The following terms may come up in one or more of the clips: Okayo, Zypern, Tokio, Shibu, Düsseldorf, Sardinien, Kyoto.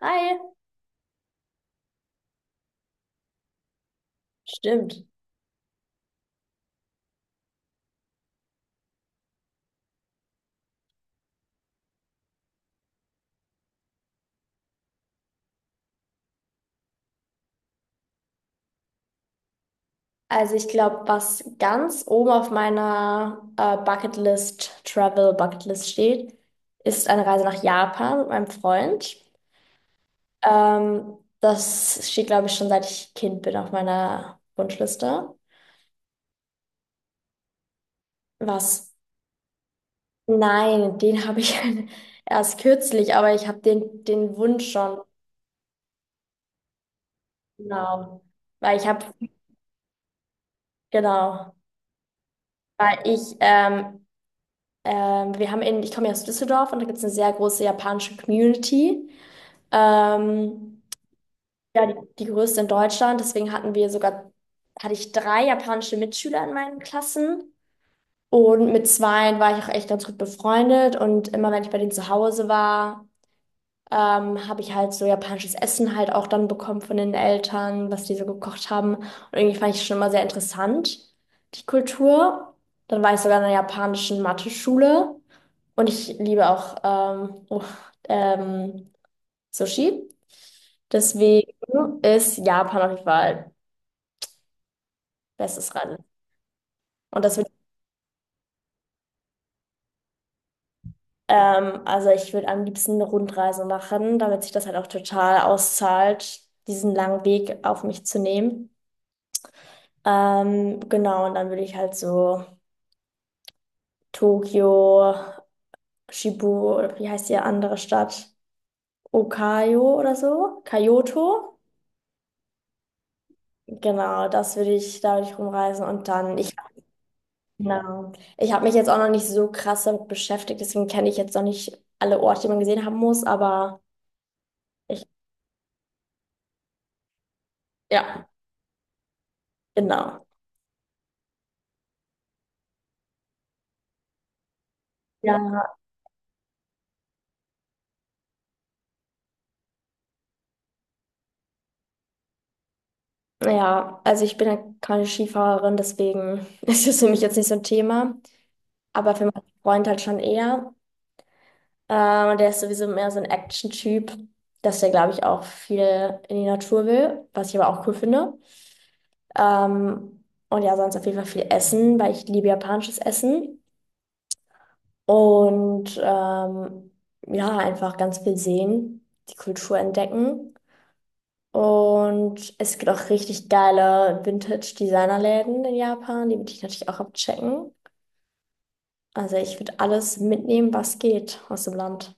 Hi, stimmt. Also ich glaube, was ganz oben auf meiner Bucketlist, Travel Bucketlist steht, ist eine Reise nach Japan mit meinem Freund. Das steht, glaube ich, schon seit ich Kind bin auf meiner Wunschliste. Was? Nein, den habe ich erst kürzlich, aber ich habe den Wunsch schon, genau. Weil ich habe, genau, weil ich wir haben ich komme ja aus Düsseldorf und da gibt es eine sehr große japanische Community. Ähm, ja, die größte in Deutschland. Deswegen hatten wir sogar, Hatte ich 3 japanische Mitschüler in meinen Klassen. Und mit zweien war ich auch echt ganz gut befreundet. Und immer wenn ich bei denen zu Hause war, habe ich halt so japanisches Essen halt auch dann bekommen von den Eltern, was die so gekocht haben. Und irgendwie fand ich schon immer sehr interessant, die Kultur. Dann war ich sogar in einer japanischen Mathe-Schule. Und ich liebe auch ähm, Sushi. Deswegen ist Japan auf jeden Fall bestes Reisen. Und das würde, also ich würde am liebsten eine Rundreise machen, damit sich das halt auch total auszahlt, diesen langen Weg auf mich zu nehmen. Genau, und dann würde ich halt so Tokio, Shibu, oder wie heißt die andere Stadt? Okayo oder so? Kyoto. Da würde ich rumreisen und dann, ich Genau. Ich habe mich jetzt auch noch nicht so krass damit beschäftigt, deswegen kenne ich jetzt noch nicht alle Orte, die man gesehen haben muss, aber ich, ja, genau. Ja, ja, also ich bin ja keine Skifahrerin, deswegen ist das für mich jetzt nicht so ein Thema, aber für meinen Freund halt schon eher. Und der ist sowieso mehr so ein Action-Typ, dass der, glaube ich, auch viel in die Natur will, was ich aber auch cool finde. Ähm, und ja, sonst auf jeden Fall viel Essen, weil ich liebe japanisches Essen. Und ja, einfach ganz viel sehen, die Kultur entdecken. Und es gibt auch richtig geile Vintage-Designerläden in Japan, die würde ich natürlich auch abchecken. Also ich würde alles mitnehmen, was geht aus dem Land.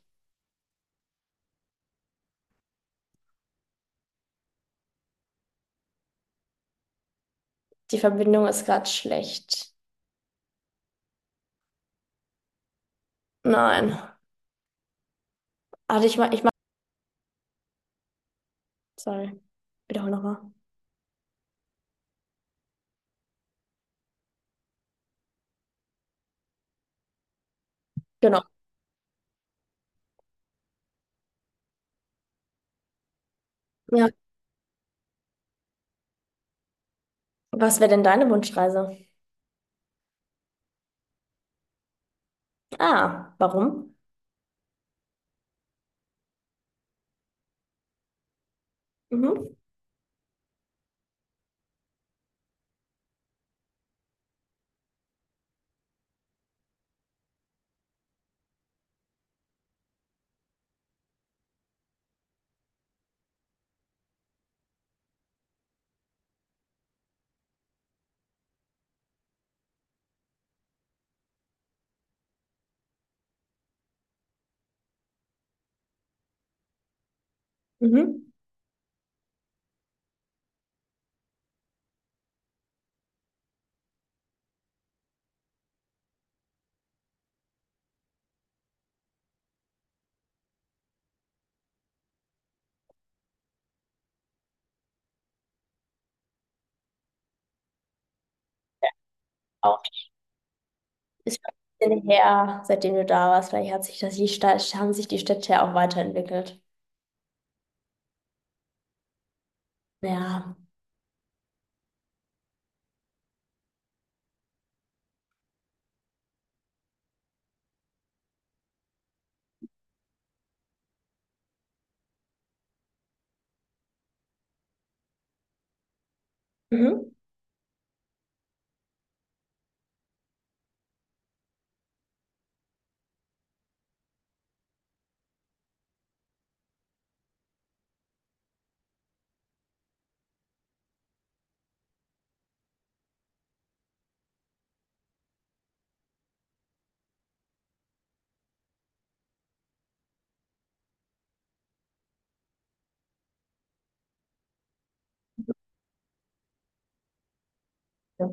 Die Verbindung ist gerade schlecht. Nein. Also ich mach, sorry, wiederhole nochmal. Genau. Ja. Was wäre denn deine Wunschreise? Ah, warum? Mhm. Mhm. Ist schon ein bisschen her, seitdem du da warst. Vielleicht hat sich haben sich die Städte ja auch weiterentwickelt. Ja. Mhm. Ja,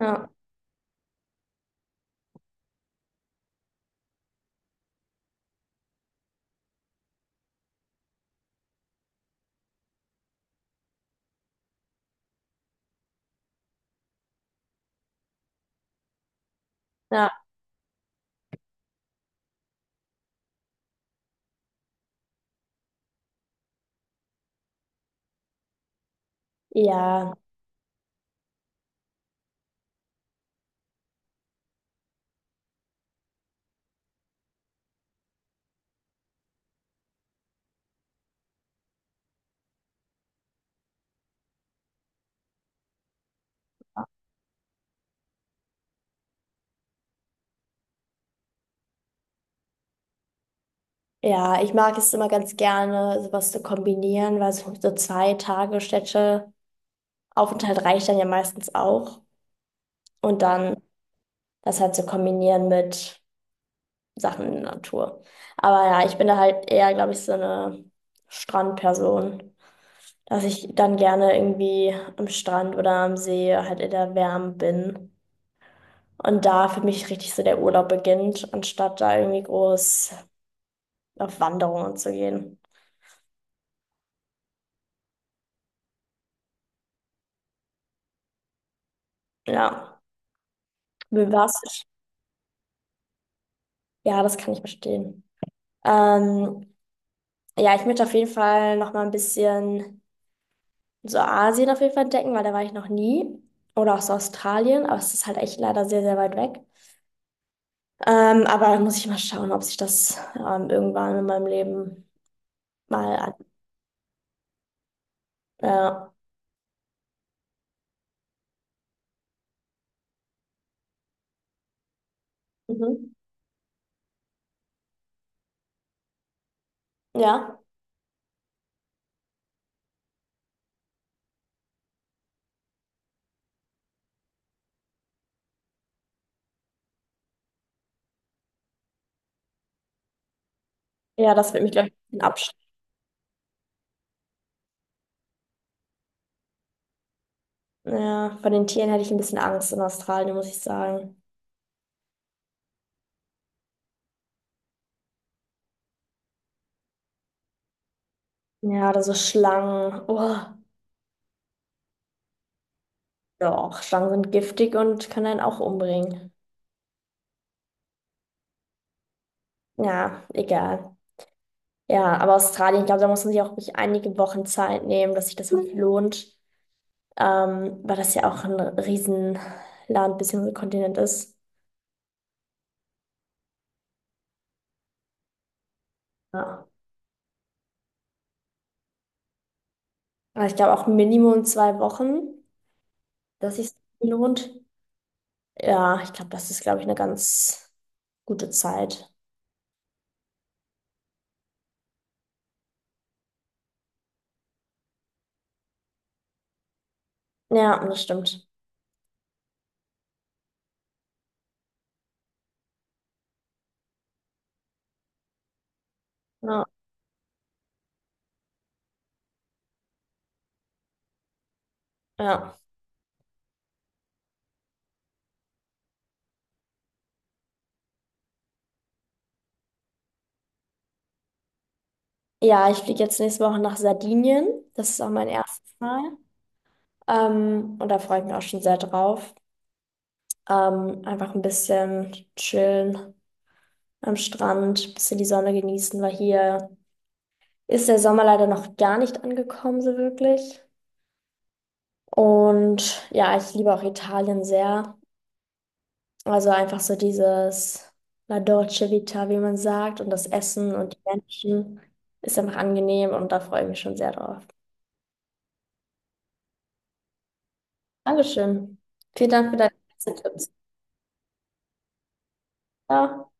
ja, ja, ja. Ja, ich mag es immer ganz gerne, sowas zu kombinieren, weil so, so zwei Tage Städte Aufenthalt reicht dann ja meistens auch. Und dann das halt zu kombinieren mit Sachen in der Natur. Aber ja, ich bin da halt eher, glaube ich, so eine Strandperson, dass ich dann gerne irgendwie am Strand oder am See halt in der Wärme bin. Und da für mich richtig so der Urlaub beginnt, anstatt da irgendwie groß auf Wanderungen zu gehen. Ja, wie war's? Ja, das kann ich verstehen. Ähm, ja, ich möchte auf jeden Fall noch mal ein bisschen so Asien auf jeden Fall entdecken, weil da war ich noch nie. Oder auch so Australien, aber es ist halt echt leider sehr, sehr weit weg. Aber da muss ich mal schauen, ob sich das irgendwann in meinem Leben mal an, äh, Mhm. Ja. Ja, das wird mich, glaube ich, ein bisschen abschrecken. Ja, von den Tieren hätte ich ein bisschen Angst in Australien, muss ich sagen. Ja, oder so Schlangen. Oh, doch, Schlangen sind giftig und können einen auch umbringen. Ja, egal. Ja, aber Australien, ich glaube, da muss man sich auch wirklich einige Wochen Zeit nehmen, dass sich das wirklich Mhm. lohnt. Weil das ja auch ein Riesenland bzw. Kontinent ist. Ja. Aber ich glaube auch Minimum 2 Wochen, dass sich lohnt. Ja, ich glaube, das ist, glaube ich, eine ganz gute Zeit. Ja, das stimmt. Ja, ja. Ja, ich fliege jetzt nächste Woche nach Sardinien. Das ist auch mein erstes Mal. Und da freue ich mich auch schon sehr drauf. Einfach ein bisschen chillen am Strand, ein bisschen die Sonne genießen, weil hier ist der Sommer leider noch gar nicht angekommen, so wirklich. Und ja, ich liebe auch Italien sehr. Also einfach so dieses La Dolce Vita, wie man sagt, und das Essen und die Menschen ist einfach angenehm und da freue ich mich schon sehr drauf. Dankeschön. Vielen Dank für deine ganzen Tipps. Ciao.